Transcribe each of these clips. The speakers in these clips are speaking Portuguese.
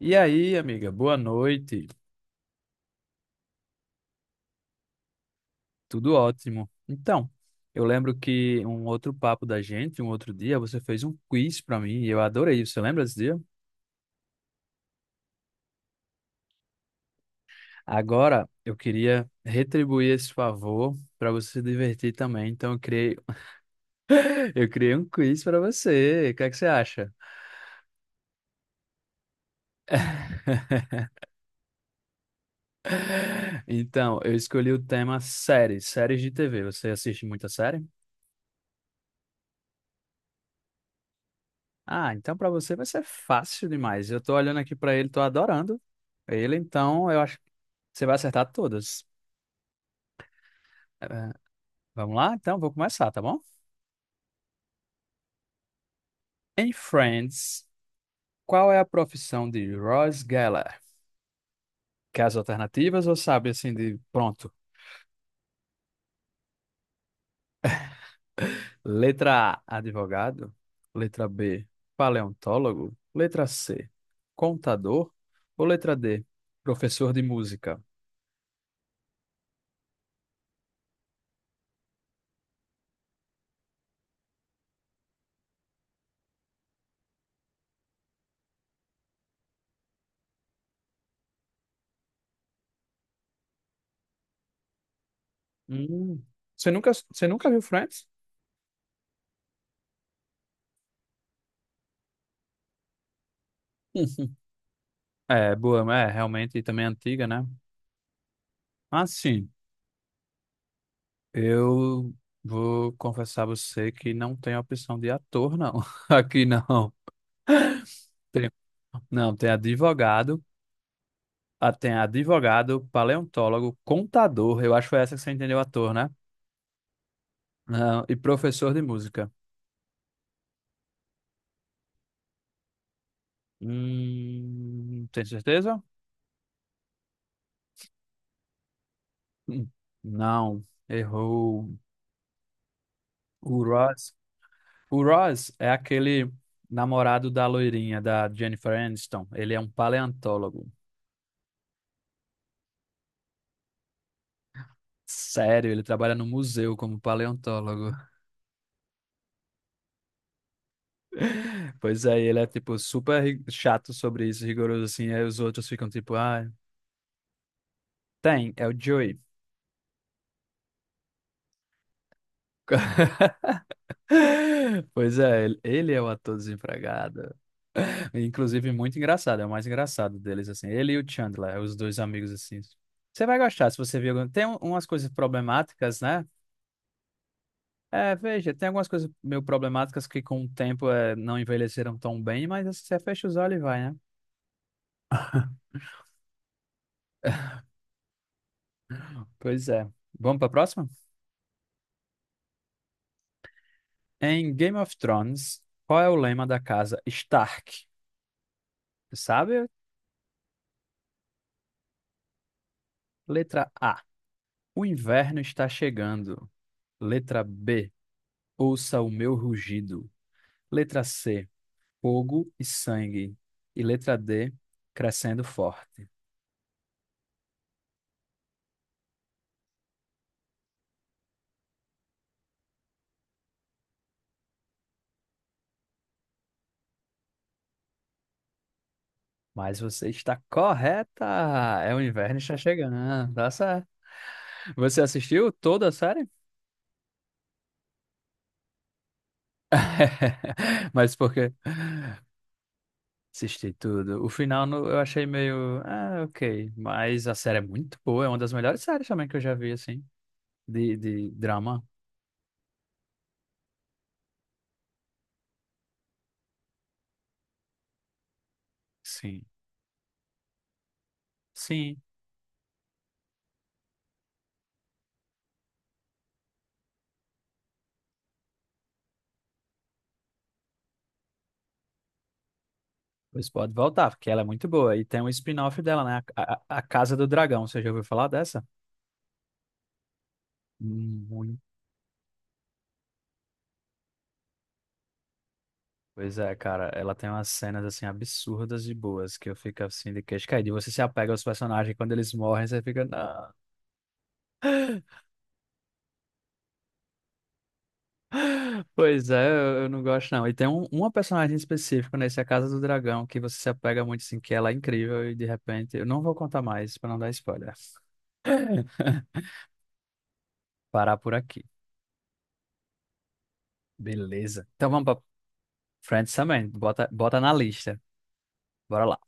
E aí, amiga, boa noite. Tudo ótimo. Então, eu lembro que um outro papo da gente, um outro dia, você fez um quiz pra mim e eu adorei. Você lembra desse dia? Agora, eu queria retribuir esse favor pra você se divertir também. Então, eu criei, eu criei um quiz pra você. O que é que você acha? Então, eu escolhi o tema séries, séries de TV. Você assiste muita série? Ah, então para você vai ser fácil demais. Eu tô olhando aqui para ele, tô adorando ele, então eu acho que você vai acertar todas. Eh, Vamos lá? Então vou começar, tá bom? Em Friends, qual é a profissão de Ross Geller? Quer as alternativas ou sabe assim de pronto? Letra A, advogado. Letra B, paleontólogo. Letra C, contador. Ou letra D, professor de música? Hum, Você nunca, você nunca viu Friends? É, boa, é realmente também é antiga, né? Mas sim, eu vou confessar a você que não tem opção de ator, não. Aqui não. Tem, não, tem advogado, ah, tem advogado, paleontólogo, contador, eu acho que foi essa que você entendeu, ator, né? Ah, e professor de música. Tem certeza? Hum, Não, errou. O Ross. O Ross é aquele namorado da loirinha, da Jennifer Aniston. Ele é um paleontólogo. Sério, ele trabalha no museu como paleontólogo. Pois é, e ele é tipo super chato sobre isso, rigoroso assim, aí os outros ficam tipo, ah, tem, é o Joey. Pois é, ele é o ator desempregado. Inclusive, muito engraçado, é o mais engraçado deles, assim. Ele e o Chandler, os dois amigos, assim. Você vai gostar se você viu. Tem umas coisas problemáticas, né? É, veja, tem algumas coisas meio problemáticas que com o tempo é, não envelheceram tão bem, mas assim, você fecha os olhos e vai, né? Pois é. Vamos para a próxima? Em Game of Thrones, qual é o lema da casa Stark? Tu sabe? Letra A. O inverno está chegando. Letra B. Ouça o meu rugido. Letra C. Fogo e sangue. E letra D. Crescendo forte. Mas você está correta! É o inverno está chegando. Tá certo. Você assistiu toda a série? Mas por quê? Assisti tudo. O final eu achei meio. Ah, ok. Mas a série é muito boa. É uma das melhores séries também que eu já vi, assim. De drama. Sim. Sim. Pois pode voltar, porque ela é muito boa. E tem um spin-off dela, né? A Casa do Dragão. Você já ouviu falar dessa? Muito. Pois é, cara. Ela tem umas cenas, assim, absurdas e boas que eu fico, assim, de queixo caído. E você se apega aos personagens. Quando eles morrem, você fica. Não. Pois é, eu não gosto não. E tem um, uma personagem específica nesse A Casa do Dragão que você se apega muito, assim, que ela é incrível e de repente... Eu não vou contar mais pra não dar spoiler. Parar por aqui. Beleza. Então vamos pra Friends também. Bota na lista. Bora lá.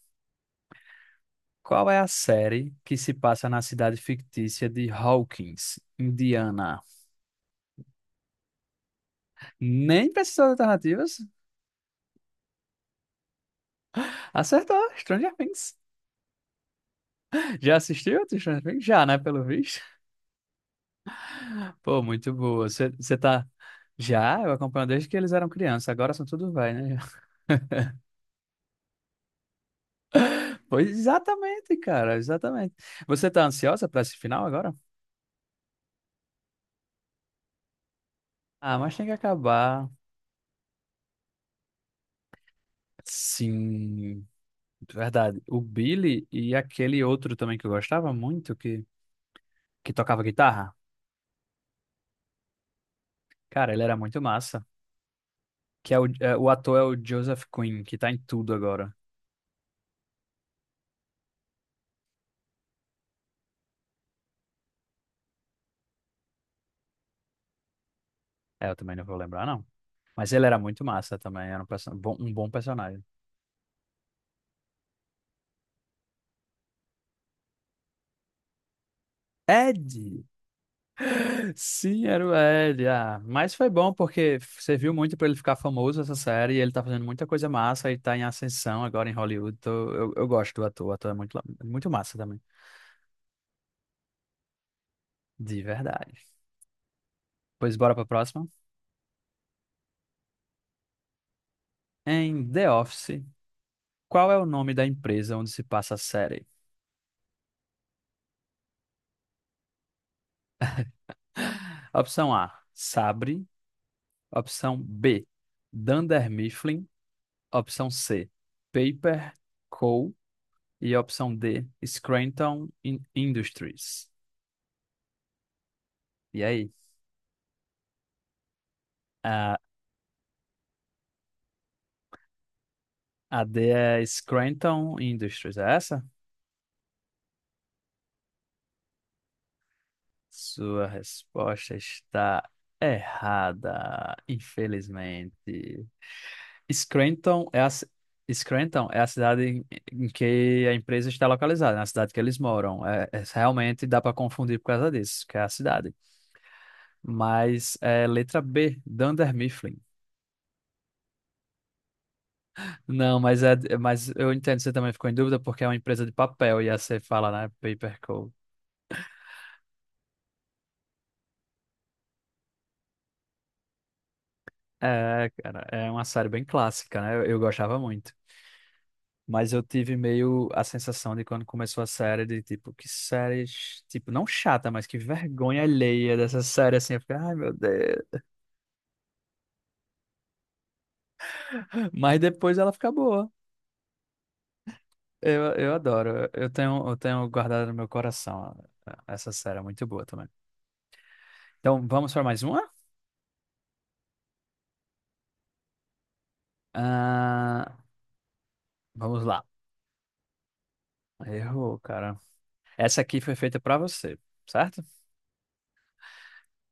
Qual é a série que se passa na cidade fictícia de Hawkins, Indiana? Nem precisou de alternativas. Acertou, Stranger Things. Já assistiu a Stranger Things? Já, né? Pelo visto. Pô, muito boa. Você tá. Já, eu acompanho desde que eles eram crianças, agora são tudo vai, né? Pois exatamente, cara, exatamente. Você tá ansiosa pra esse final agora? Ah, mas tem que acabar. Sim, verdade. O Billy e aquele outro também que eu gostava muito, que tocava guitarra. Cara, ele era muito massa. Que é o, é, o ator é o Joseph Quinn, que tá em tudo agora. É, eu também não vou lembrar, não. Mas ele era muito massa também, era um, um bom personagem. Ed! Sim, era o L. Ah, mas foi bom porque serviu muito para ele ficar famoso essa série. E ele tá fazendo muita coisa massa e tá em ascensão agora em Hollywood. Eu gosto do ator, o ator é muito, muito massa também. De verdade. Pois bora pra próxima. Em The Office, qual é o nome da empresa onde se passa a série? Opção A, Sabre. Opção B, Dunder Mifflin. Opção C, Paper Co. E opção D, Industries. E aí? A, a D é Scranton Industries, é essa? Sua resposta está errada, infelizmente. Scranton é a, ci- Scranton é a cidade em em que a empresa está localizada, na cidade que eles moram. Realmente dá para confundir por causa disso, que é a cidade. Mas é letra B, Dunder Mifflin. Não, mas, é, mas eu entendo, você também ficou em dúvida porque é uma empresa de papel e aí você fala, né? Paper Co. É, cara, é uma série bem clássica, né? Eu gostava muito. Mas eu tive meio a sensação de quando começou a série, de tipo, que série, tipo, não chata, mas que vergonha alheia dessa série, assim. Eu fiquei, ai meu Deus. Mas depois ela fica boa. Eu adoro. Eu tenho guardado no meu coração essa série, é muito boa também. Então, vamos para mais uma? Ah, vamos lá. Errou, cara. Essa aqui foi feita para você, certo?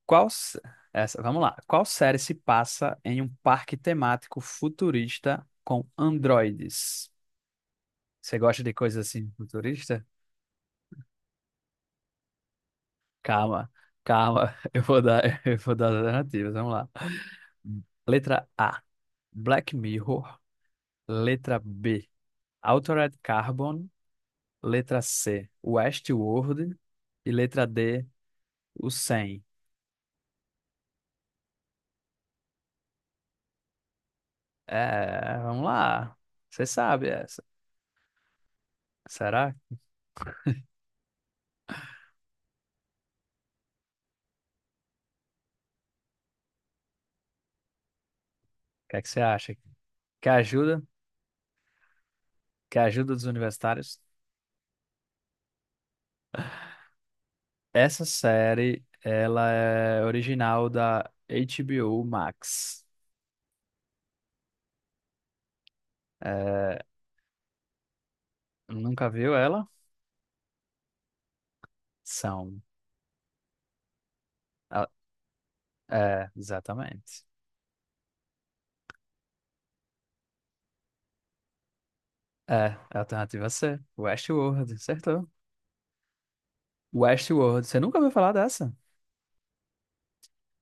Qual, se- essa, vamos lá. Qual série se passa em um parque temático futurista com androides? Você gosta de coisa assim futurista? Calma, calma. Eu vou dar, eu vou dar as alternativas. Vamos lá. Letra A, Black Mirror. Letra B, Altered Carbon. Letra C, Westworld. E letra D, o 100. É, vamos lá. Você sabe essa. Será? O que é que você acha? Quer ajuda? Que é a Ajuda dos Universitários. Essa série, ela é original da HBO Max. É, nunca viu ela? São. Ah, é, exatamente. É, a alternativa C. Westworld, acertou. Westworld, você nunca ouviu falar dessa?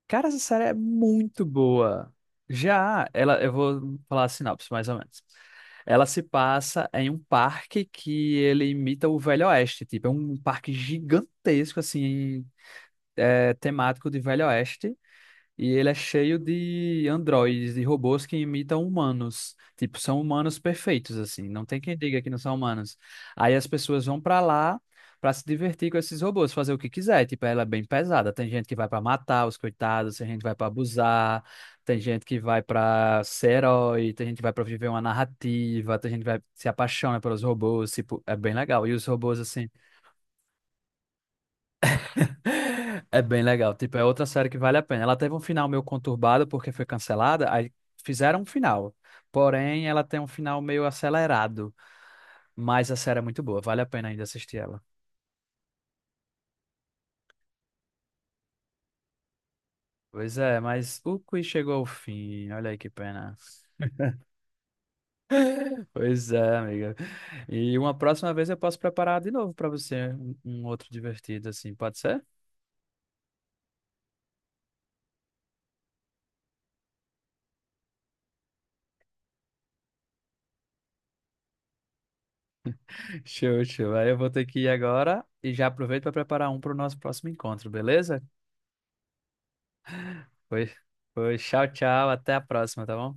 Cara, essa série é muito boa. Já, ela, eu vou falar a sinopse, mais ou menos. Ela se passa em um parque que ele imita o Velho Oeste, tipo, é um parque gigantesco, assim, é, temático de Velho Oeste e ele é cheio de androides, de robôs que imitam humanos. Tipo, são humanos perfeitos, assim. Não tem quem diga que não são humanos. Aí as pessoas vão pra lá pra se divertir com esses robôs, fazer o que quiser. Tipo, ela é bem pesada. Tem gente que vai pra matar os coitados, tem gente que vai pra abusar, tem gente que vai pra ser herói, tem gente que vai pra viver uma narrativa, tem gente que vai se apaixona pelos robôs. Tipo, é bem legal. E os robôs, assim. É bem legal. Tipo, é outra série que vale a pena. Ela teve um final meio conturbado porque foi cancelada, aí fizeram um final. Porém, ela tem um final meio acelerado. Mas a série é muito boa, vale a pena ainda assistir ela. Pois é, mas o quiz chegou ao fim. Olha aí que pena. Pois é, amiga. E uma próxima vez eu posso preparar de novo para você um, um outro divertido, assim, pode ser? Show, show. Aí eu vou ter que ir agora e já aproveito para preparar um para o nosso próximo encontro, beleza? Foi, foi. Tchau, tchau. Até a próxima, tá bom?